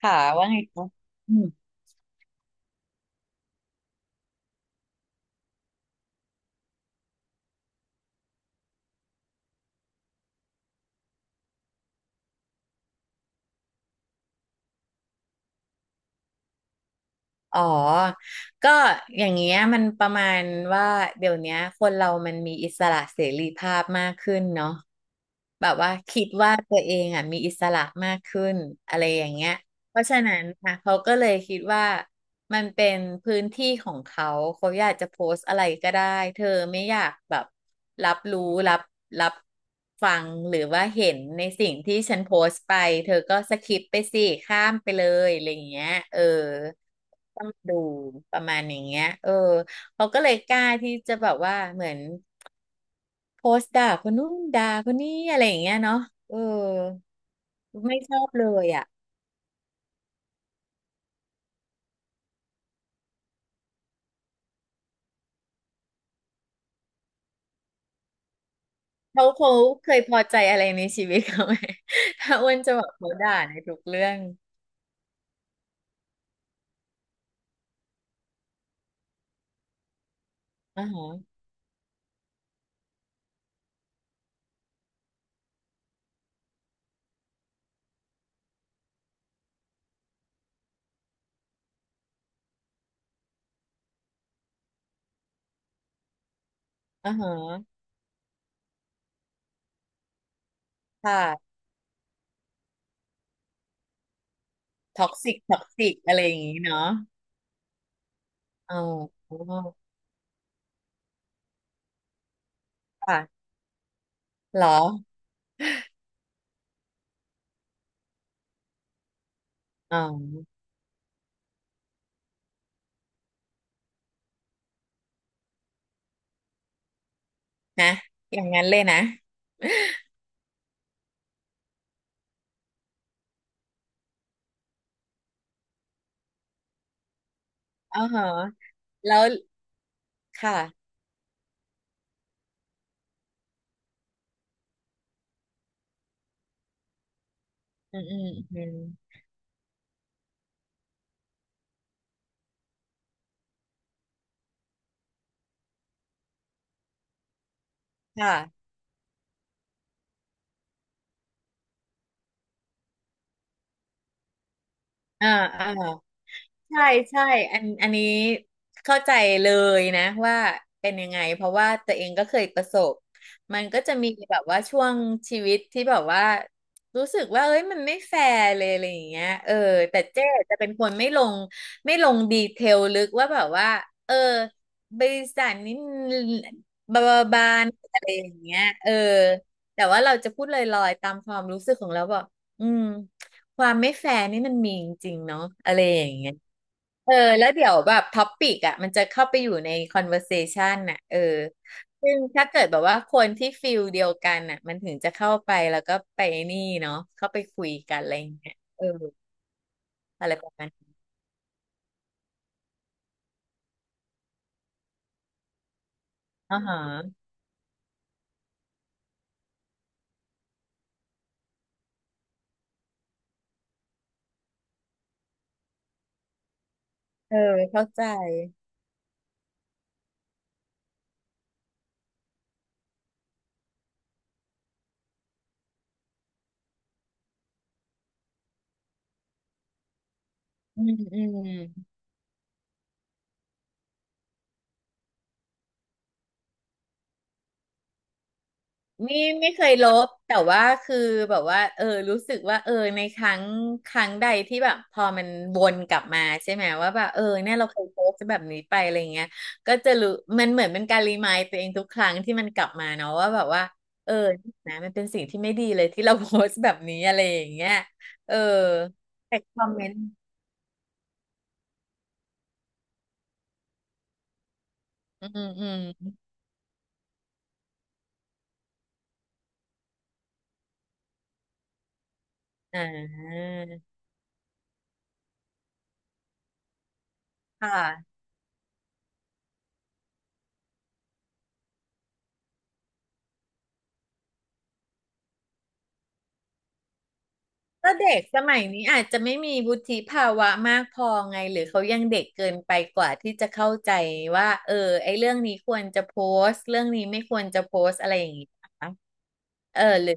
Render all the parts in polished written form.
ค่ะว่าไงคะอืม อ๋อ ก็อย่างเงี้ยมันประมาณว่าเดี๋ยวเนี้ยคนเรามันมีอิสระเสรีภาพมากขึ้นเนาะแบบว่าคิดว่าตัวเองอ่ะมีอิสระมากขึ้นอะไรอย่างเงี้ยเพราะฉะนั้นค่ะเขาก็เลยคิดว่ามันเป็นพื้นที่ของเขาเขาอยากจะโพสต์อะไรก็ได้เธอไม่อยากแบบรับรู้รับรับฟังหรือว่าเห็นในสิ่งที่ฉันโพสต์ไปเธอก็สคิปไปสิข้ามไปเลยอะไรอย่างเงี้ยเออ ต้องดูประมาณอย่างเงี้ยเออเขาก็เลยกล้าที่จะแบบว่าเหมือนโพสต์ด่าคนนู้นด่าคนนี้อะไรอย่างเงี้ยเนาะเออไม่ชอบเลยอ่ะเขาเคยพอใจอะไรในชีวิตเขาไหม ถ้าอ้วนจะบอกเขาด่าในทุกเรื่องอ่าฮะอ่าฮะค่ะท็อกซิกท็อกซิกอะไรอย่างงี้เนาะอ๋อค่ะเหรออ๋อนะอย่างนั้นเลยนะอ๋อฮะแล้วค่ะอืมอืมอืมค่ะ อ่าอ่า ใช่ใช่อันอันนี้เข้าใจเลยนะว่าเป็นยังไงเพราะว่าตัวเองก็เคยประสบมันก็จะมีแบบว่าช่วงชีวิตที่แบบว่ารู้สึกว่าเอ้ยมันไม่แฟร์เลยอะไรอย่างเงี้ยเออแต่เจ๊จะเป็นคนไม่ลงไม่ลงดีเทลลึกว่าแบบว่าเออบริษัทนี้บาบาบานอะไรอย่างเงี้ยเออแต่ว่าเราจะพูดลอยๆตามความรู้สึกของเราบอกอืมความไม่แฟร์นี่มันมีจริงๆเนาะอะไรอย่างเงี้ย เออแล้วเดี๋ยวแบบท็อปิกอ่ะมันจะเข้าไปอยู่ใน conversation น่ะเออซึ่งถ้าเกิดแบบว่าคนที่ฟิลเดียวกันน่ะมันถึงจะเข้าไปแล้วก็ไปนี่เนาะเข้าไปคุยกันอะไรอย่างเงี้ยเอออะไรประมาณนี้อ๋อฮะเออเข้าใจอืมอืม ไม่ไม่เคยลบแต่ว่าคือแบบว่าเออรู้สึกว่าเออในครั้งครั้งใดที่แบบพอมันวนกลับมาใช่ไหมว่าแบบเออเนี่ยเราเคยโพสต์แบบนี้ไปอะไรเงี้ยก็จะรู้มันเหมือนเป็นการรีมายตัวเองทุกครั้งที่มันกลับมาเนาะว่าแบบว่าเออนะมันเป็นสิ่งที่ไม่ดีเลยที่เราโพสต์แบบนี้อะไรอย่างเงี้ยเออแต่คอมเมนต์อืมอืมอ่าค่ะ ก็เด็กสมัยนี้อาจจะไม่มีวุฒิภาวะมากพอไงหรือเขายังเด็กเกินไปกว่าที่จะเข้าใจว่าเออไอ้เรื่องนี้ควรจะโพสต์เรื่องนี้ไม่ควรจะโพสต์อะไรอย่างงี้นะคะเออหรือ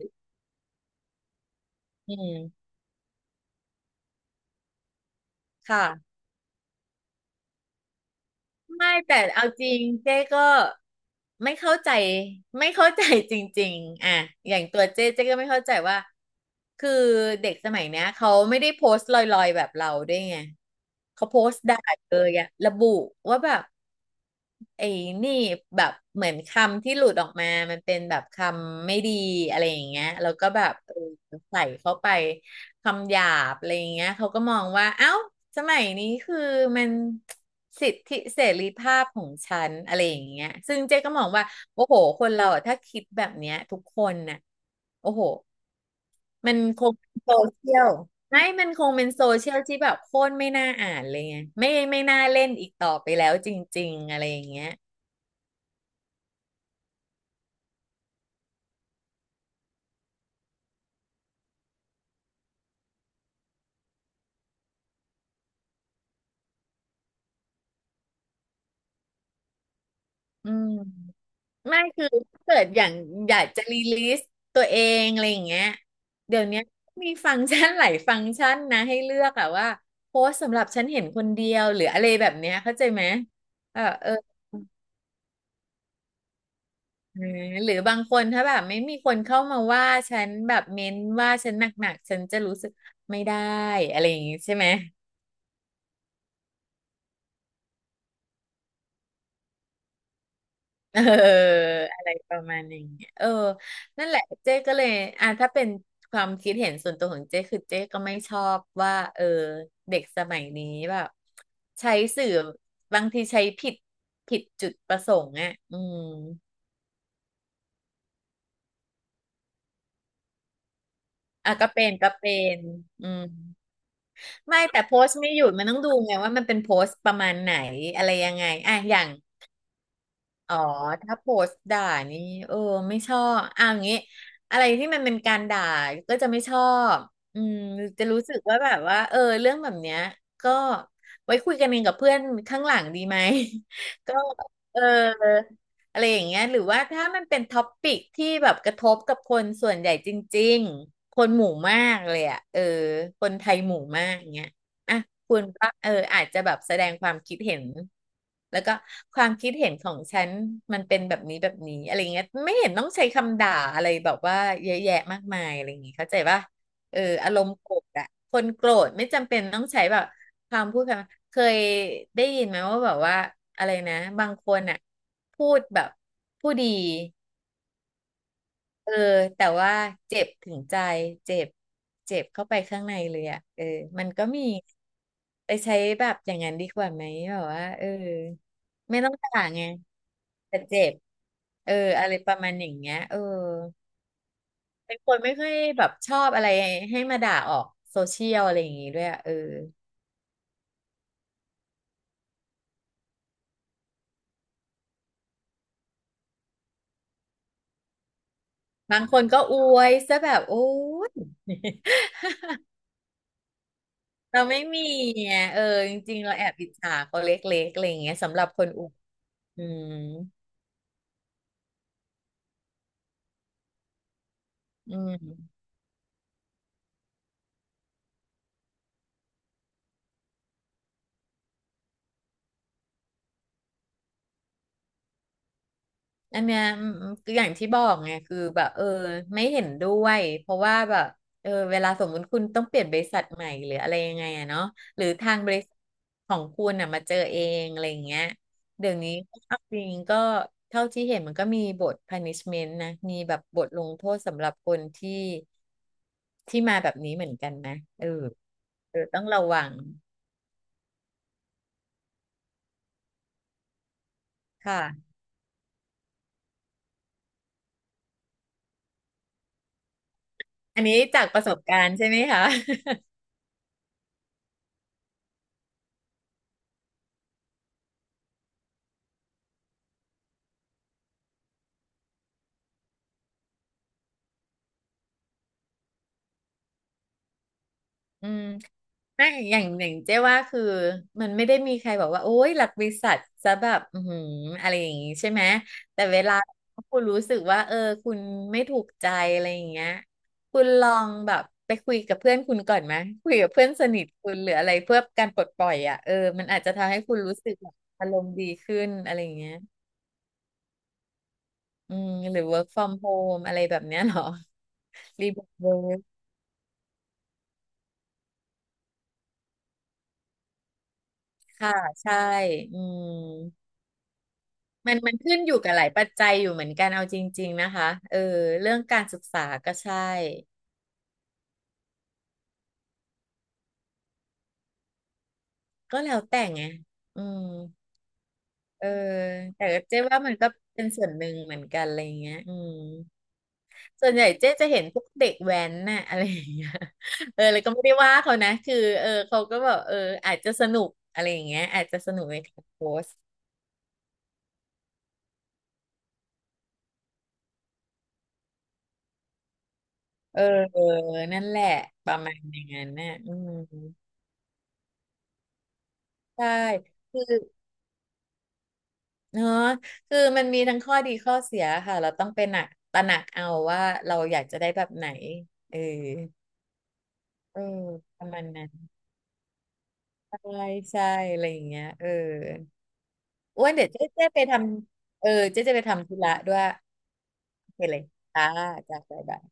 อืมค่ะไม่แต่เอาจริงเจ๊ก็ไม่เข้าใจไม่เข้าใจจริงๆอ่ะอย่างตัวเจ๊เจ๊ก็ไม่เข้าใจว่าคือเด็กสมัยเนี้ยเขาไม่ได้โพสต์ลอยๆแบบเราด้วยไงเขาโพสต์ด่าเลยอะระบุว่าแบบ ไอ้นี่แบบเหมือนคำที่หลุดออกมา มันเป็นแบบคำไม่ดีอะไรอย่างเงี้ยแล้วก็แบบเออใส่เข้าไปคำหยาบอะไรอย่างเงี้ยเขาก็มองว่าเอ้าสมัยนี้คือมันสิทธิเสรีภาพของฉันอะไรอย่างเงี้ยซึ่งเจ๊ก็มองว่าโอ้โหคนเราอะถ้าคิดแบบเนี้ยทุกคนน่ะโอ้โหมันคงเป็นโซเชียลไม่มันคงเป็นโซเชียลที่แบบโคตรไม่น่าอ่านเลยไงไม่น่าเล่นอีกต่อไปแล้วจริงๆอะไรอย่างเงี้ย อืมไม่คือถ้าเกิดอย่างอยากจะรีลิสตัวเองอะไรอย่างเงี้ยเดี๋ยวเนี้ยมีฟังก์ชันหลายฟังก์ชันนะให้เลือกอะว่าโพสต์สำหรับฉันเห็นคนเดียวหรืออะไรแบบเนี้ยเข้าใจไหมเออเอออ่าหรือบางคนถ้าแบบไม่มีคนเข้ามาว่าฉันแบบเม้นว่าฉันหนักๆฉันจะรู้สึกไม่ได้อะไรอย่างงี้ใช่ไหม เอออะไรประมาณอย่างเงี้ยเออนั่นแหละเจ๊ก็เลย อ่ะถ้าเป็นความคิดเห็นส่วนตัวของเจ๊คือเจ๊ก็ไม่ชอบว่าเออเด็กสมัยนี้แบบใช้สื่อบางทีใช้ผิดผิดจุดประสงค์อ่ะอืมอ่ะก็เป็นอืมไม่แต่โพสต์ไม่หยุดมันต้องดูไงว่ามันเป็นโพสต์ประมาณไหนอะไรยังไง อ่ะอย่าง อ๋อถ้าโพสต์ด่านี่เออไม่ชอบอ่ะอย่างงี้อะไรที่มันเป็นการด่าก็จะไม่ชอบอืมจะรู้สึกว่าแบบว่าเออเรื่องแบบเนี้ยก็ไว้คุยกันเองกับเพื่อนข้างหลังดีไหม ก็เอออะไรอย่างเงี้ยหรือว่าถ้ามันเป็นท็อปปิกที่แบบกระทบกับคนส่วนใหญ่จริงๆคนหมู่มากเลยอ่ะเออคนไทยหมู่มากอย่างเงี้ย อ่ะคุณก็อาจจะแบบแสดงความคิดเห็นแล้วก็ความคิดเห็นของฉันมันเป็นแบบนี้แบบนี้อะไรเงี้ยไม่เห็นต้องใช้คำด่าอะไรแบบว่าเยอะแยะมากมายอะไรอย่างงี้เข้าใจป่ะอารมณ์โกรธอะคนโกรธไม่จำเป็นต้องใช้แบบความพูดคำเคยได้ยินไหมว่าแบบว่าอะไรนะบางคนอะพูดแบบผู้ดี เออแต่ว่าเจ็บถึงใจเจ็บเจ็บเข้าไปข้างในเลยอ่ะมันก็มีไปใช้แบบอย่างนั้นดีกว่าไหมแบบว่าไม่ต้องจ่ายไงแต่เจ็บเอออะไรประมาณอย่างเงี้ยเป็นคนไม่ค่อยแบบชอบอะไรให้มาด่าออกโซเชียลอะไรอย่างงี้ด้วยอะบางคนก็อวยซะแบบโอ้ย เราไม่มีไงจริงๆเราแอบอิจฉาเขาเล็กๆอะไรอย่างเงี้ยสำหรับคนอวบอืมอืม อันเนี้ยอืมคืออย่างที่บอกไงคือแบบไม่เห็นด้วยเพราะว่าแบบเวลาสมมติคุณต้องเปลี่ยนบริษัทใหม่หรืออะไรยังไงอะเนาะหรือทางบริษัทของคุณอะมาเจอเองอะไรอย่างเงี้ยเดี๋ยวนี้เอาจริงก็เท่าที่เห็นมันก็มีบท punishment นะมีแบบบทลงโทษสำหรับคนที่มาแบบนี้เหมือนกันนะเออต้องระวังค่ะอันนี้จากประสบการณ์ใช่ไหมคะ อืม ไม่อย่างเจ๊ว่าคือมันไม่ได้มีใครบอกว่าโอ๊ยหลักบริษัทจะแบบอือหืออะไรอย่างงี้ใช่ไหมแต่เวลาคุณรู้สึกว่าคุณไม่ถูกใจอะไรอย่างเงี้ยคุณลองแบบไปคุยกับเพื่อนคุณก่อนไหมคุยกับเพื่อนสนิทคุณหรืออะไรเพื่อการปลดปล่อยอ่ะมันอาจจะทำให้คุณรู้สึกแบบอารมณ์ดีขึ้นอะไรอย่างเงี้ยอืมหรือ work from home อะไรแบบเนี้ยเหรอรีโมทเวิร์ ค่ะใช่อืม มันขึ้นอยู่กับหลายปัจจัยอยู่เหมือนกันเอาจริงๆนะคะเรื่องการศึกษาก็ใช่ก็แล้วแต่ไงอืมเออแต่เจ๊ว่ามันก็เป็นส่วนหนึ่งเหมือนกันอะไรอย่างเงี้ยอืมส่วนใหญ่เจ๊จะเห็นพวกเด็กแว้นน่ะ อะไรอย่างเงี้ยเลยก็ไม่ได้ว่าเขานะคือเขาก็แบบอาจจะสนุกอะไรอย่างเงี้ยอาจจะสนุกในการโพสต์เออนั่นแหละประมาณอย่างนั้นน่ะอืมใช่ เนอะคือมันมีทั้งข้อดีข้อเสียค่ะเราต้องไปหนักตระหนักเอาว่าเราอยากจะได้แบบไหนเออประมาณนั้นใช่ใช่อะไรอย่างเงี้ยอ้วนเดี๋ยวเจ๊ไปทำเจ๊จะไปทำธุระด้วยโอเคเลยค่ะจ้าจ้าบ๊ายบาย